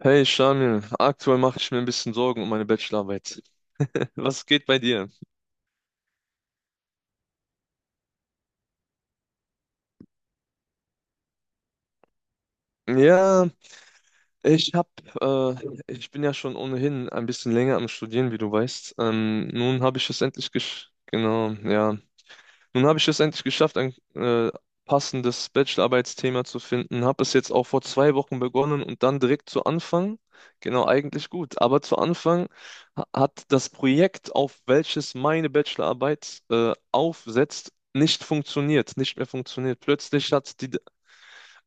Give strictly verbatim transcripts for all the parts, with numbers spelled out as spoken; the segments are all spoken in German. Hey Shamil, aktuell mache ich mir ein bisschen Sorgen um meine Bachelorarbeit. Was geht bei dir? Ja, ich hab, äh, ich bin ja schon ohnehin ein bisschen länger am Studieren, wie du weißt. Ähm, nun habe ich es endlich gesch... Genau, ja. Nun habe ich es endlich geschafft, ein äh, passendes Bachelorarbeitsthema zu finden. Habe es jetzt auch vor zwei Wochen begonnen und dann direkt zu Anfang. Genau, eigentlich gut. Aber zu Anfang ha- hat das Projekt, auf welches meine Bachelorarbeit äh, aufsetzt, nicht funktioniert, nicht mehr funktioniert. Plötzlich hat die,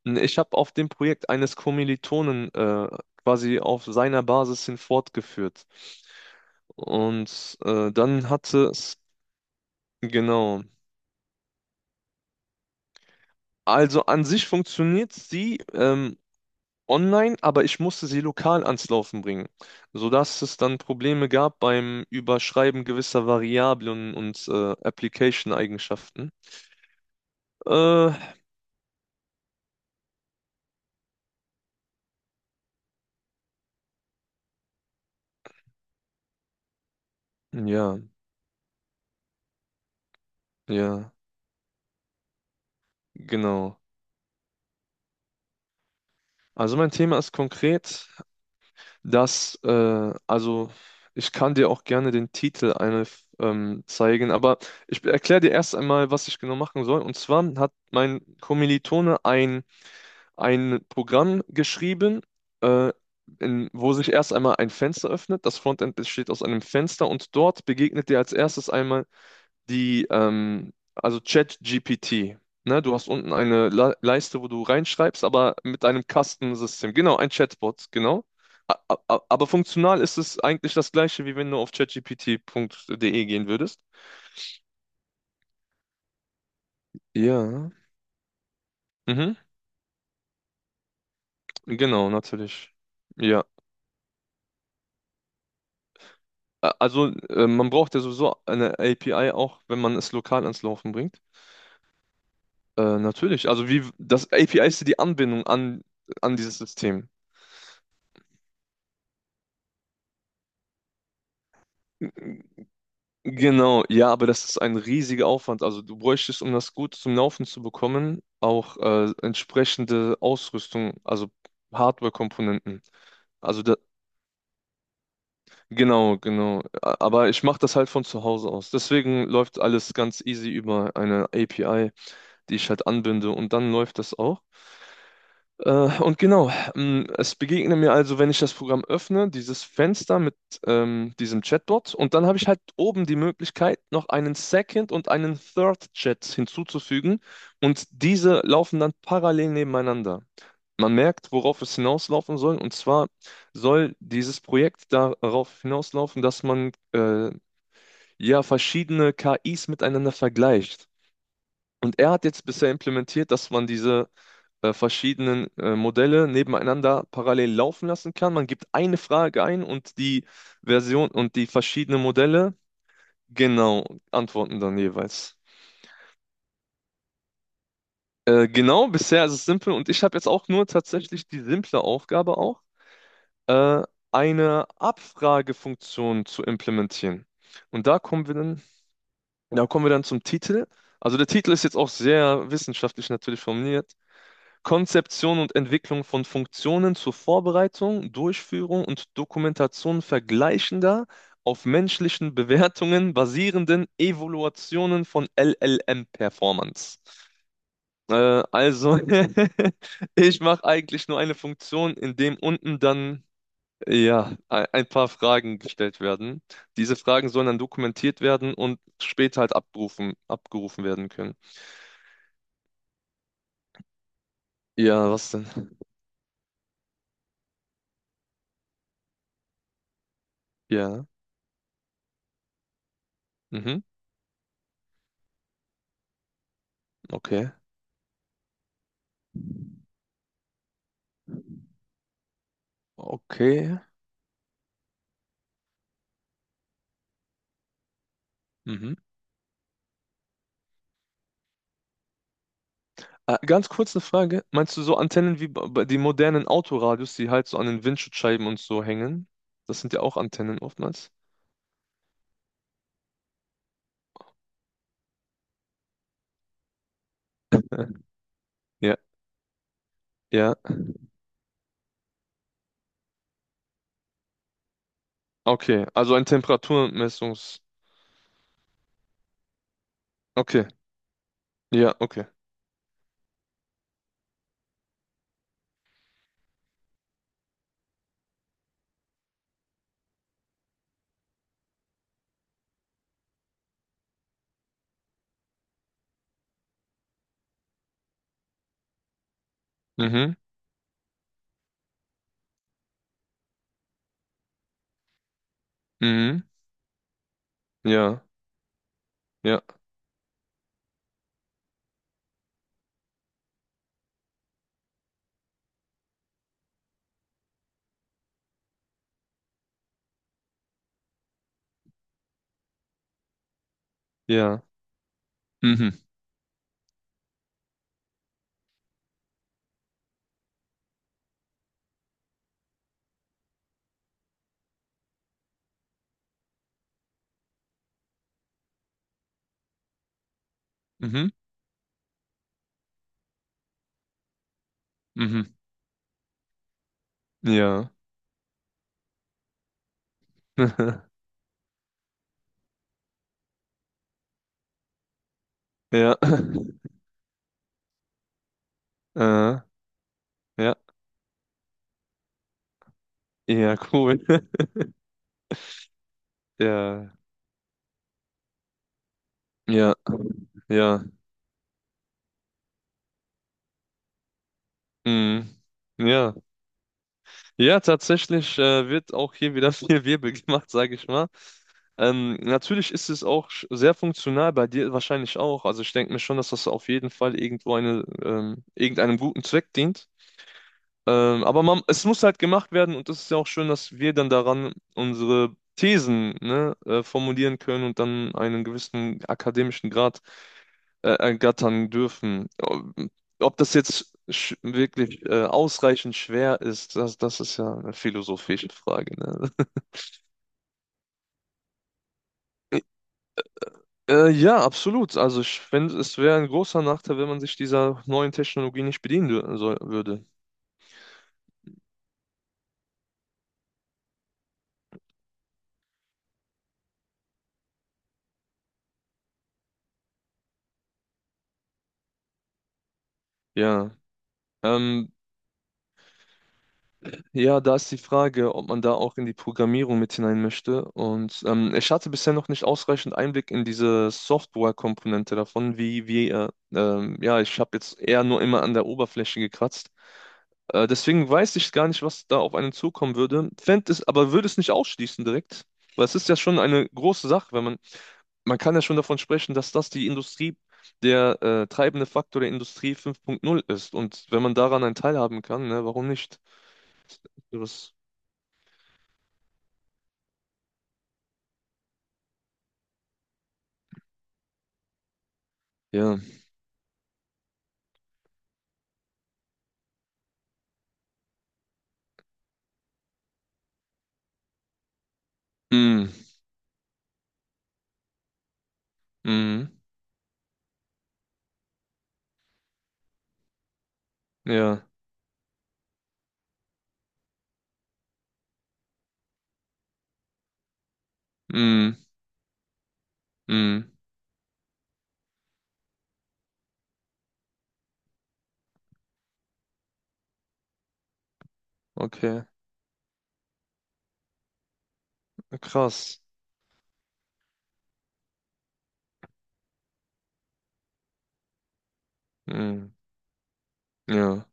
ich habe auf dem Projekt eines Kommilitonen äh, quasi auf seiner Basis hin fortgeführt. Und äh, dann hatte es, genau. Also an sich funktioniert sie ähm, online, aber ich musste sie lokal ans Laufen bringen, sodass es dann Probleme gab beim Überschreiben gewisser Variablen und äh, Application-Eigenschaften. Äh, ja, ja, genau. Also mein Thema ist konkret, dass, äh, also ich kann dir auch gerne den Titel eine, ähm, zeigen, aber ich erkläre dir erst einmal, was ich genau machen soll. Und zwar hat mein Kommilitone ein ein Programm geschrieben, äh, in, wo sich erst einmal ein Fenster öffnet. Das Frontend besteht aus einem Fenster und dort begegnet dir als erstes einmal die, ähm, also ChatGPT. Ne, du hast unten eine Le Leiste, wo du reinschreibst, aber mit einem Kastensystem. Genau, ein Chatbot, genau. A- a- a- Aber funktional ist es eigentlich das gleiche, wie wenn du auf chatgpt.de gehen würdest. Ja. Mhm. Genau, natürlich. Ja. Ä- Also, äh, man braucht ja sowieso eine A P I auch, wenn man es lokal ans Laufen bringt. Äh, natürlich. Also, wie das A P I ist ja die Anbindung an, an dieses System. Genau, ja, aber das ist ein riesiger Aufwand. Also du bräuchtest, um das gut zum Laufen zu bekommen, auch äh, entsprechende Ausrüstung, also Hardware-Komponenten. Also da, genau, genau. A- Aber ich mache das halt von zu Hause aus. Deswegen läuft alles ganz easy über eine A P I, die ich halt anbinde und dann läuft das auch. Äh, und genau, ähm, es begegnet mir also, wenn ich das Programm öffne, dieses Fenster mit ähm, diesem Chatbot und dann habe ich halt oben die Möglichkeit, noch einen Second und einen Third Chat hinzuzufügen und diese laufen dann parallel nebeneinander. Man merkt, worauf es hinauslaufen soll und zwar soll dieses Projekt darauf hinauslaufen, dass man äh, ja verschiedene K I s miteinander vergleicht. Und er hat jetzt bisher implementiert, dass man diese äh, verschiedenen äh, Modelle nebeneinander parallel laufen lassen kann. Man gibt eine Frage ein und die Version und die verschiedenen Modelle genau antworten dann jeweils. Äh, genau, bisher ist es simpel und ich habe jetzt auch nur tatsächlich die simple Aufgabe auch, äh, eine Abfragefunktion zu implementieren. Und da kommen wir dann, da kommen wir dann zum Titel. Also der Titel ist jetzt auch sehr wissenschaftlich natürlich formuliert. Konzeption und Entwicklung von Funktionen zur Vorbereitung, Durchführung und Dokumentation vergleichender, auf menschlichen Bewertungen basierenden Evaluationen von L L M-Performance. Äh, also, ich mache eigentlich nur eine Funktion, in dem unten dann ja ein ein paar Fragen gestellt werden. Diese Fragen sollen dann dokumentiert werden und später halt abgerufen, abgerufen werden können. Ja, was denn? Ja, mhm, okay. Okay. Mhm. Äh, ganz kurz eine Frage. Meinst du so Antennen wie bei bei den modernen Autoradios, die halt so an den Windschutzscheiben und so hängen? Das sind ja auch Antennen oftmals. Ja, ja. Ja. Okay, also ein Temperaturmessungs... Okay, ja, okay. Mhm, mhm, ja, ja, ja. Mhm, mhm, mhm, ja. Ja, äh, ja, ja, cool. Ja, ja, ja, mhm, ja. Ja, tatsächlich äh, wird auch hier wieder viel Wirbel gemacht, sage ich mal. Ähm, natürlich ist es auch sch- sehr funktional, bei dir wahrscheinlich auch. Also ich denke mir schon, dass das auf jeden Fall irgendwo eine, ähm, irgendeinem guten Zweck dient. Ähm, aber man, es muss halt gemacht werden und es ist ja auch schön, dass wir dann daran unsere Thesen, ne, äh, formulieren können und dann einen gewissen akademischen Grad äh, ergattern dürfen. Ob ob das jetzt sch- wirklich äh, ausreichend schwer ist, das, das ist ja eine philosophische Frage, ne? Äh, ja, absolut. Also ich finde, es wäre ein großer Nachteil, wenn man sich dieser neuen Technologie nicht bedienen dür- soll, würde. Ja. Ähm, ja, da ist die Frage, ob man da auch in die Programmierung mit hinein möchte. Und ähm, ich hatte bisher noch nicht ausreichend Einblick in diese Software-Komponente davon, wie, wie, äh, ähm, ja, ich habe jetzt eher nur immer an der Oberfläche gekratzt. Äh, deswegen weiß ich gar nicht, was da auf einen zukommen würde. Fänd es, aber würde es nicht ausschließen direkt, weil es ist ja schon eine große Sache, wenn man man kann ja schon davon sprechen, dass das die Industrie, der äh, treibende Faktor der Industrie fünf Punkt null ist. Und wenn man daran einen Teil haben kann, ne, warum nicht? Sowas- Ja. Mm, mm, ja. Mm, mm. Okay. Krass. Mm, ja.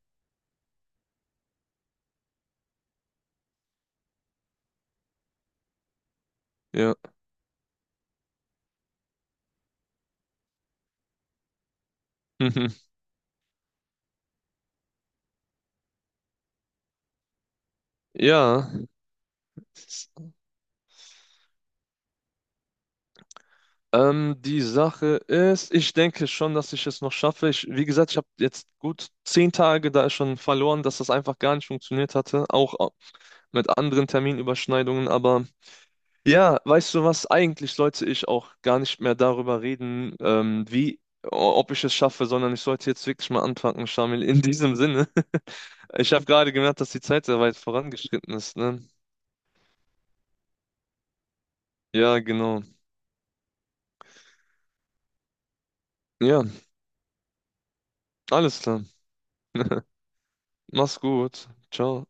Ja. Mhm. Ja. S- Ähm, die Sache ist, ich denke schon, dass ich es noch schaffe. Ich, wie gesagt, ich habe jetzt gut zehn Tage da schon verloren, dass das einfach gar nicht funktioniert hatte. Auch mit anderen Terminüberschneidungen, aber ja, weißt du was, eigentlich sollte ich auch gar nicht mehr darüber reden, ähm, wie, o- ob ich es schaffe, sondern ich sollte jetzt wirklich mal anfangen, Shamil, in diesem Sinne. Ich habe gerade gemerkt, dass die Zeit sehr weit vorangeschritten ist, ne? Ja, genau. Ja, alles klar. Mach's gut. Ciao.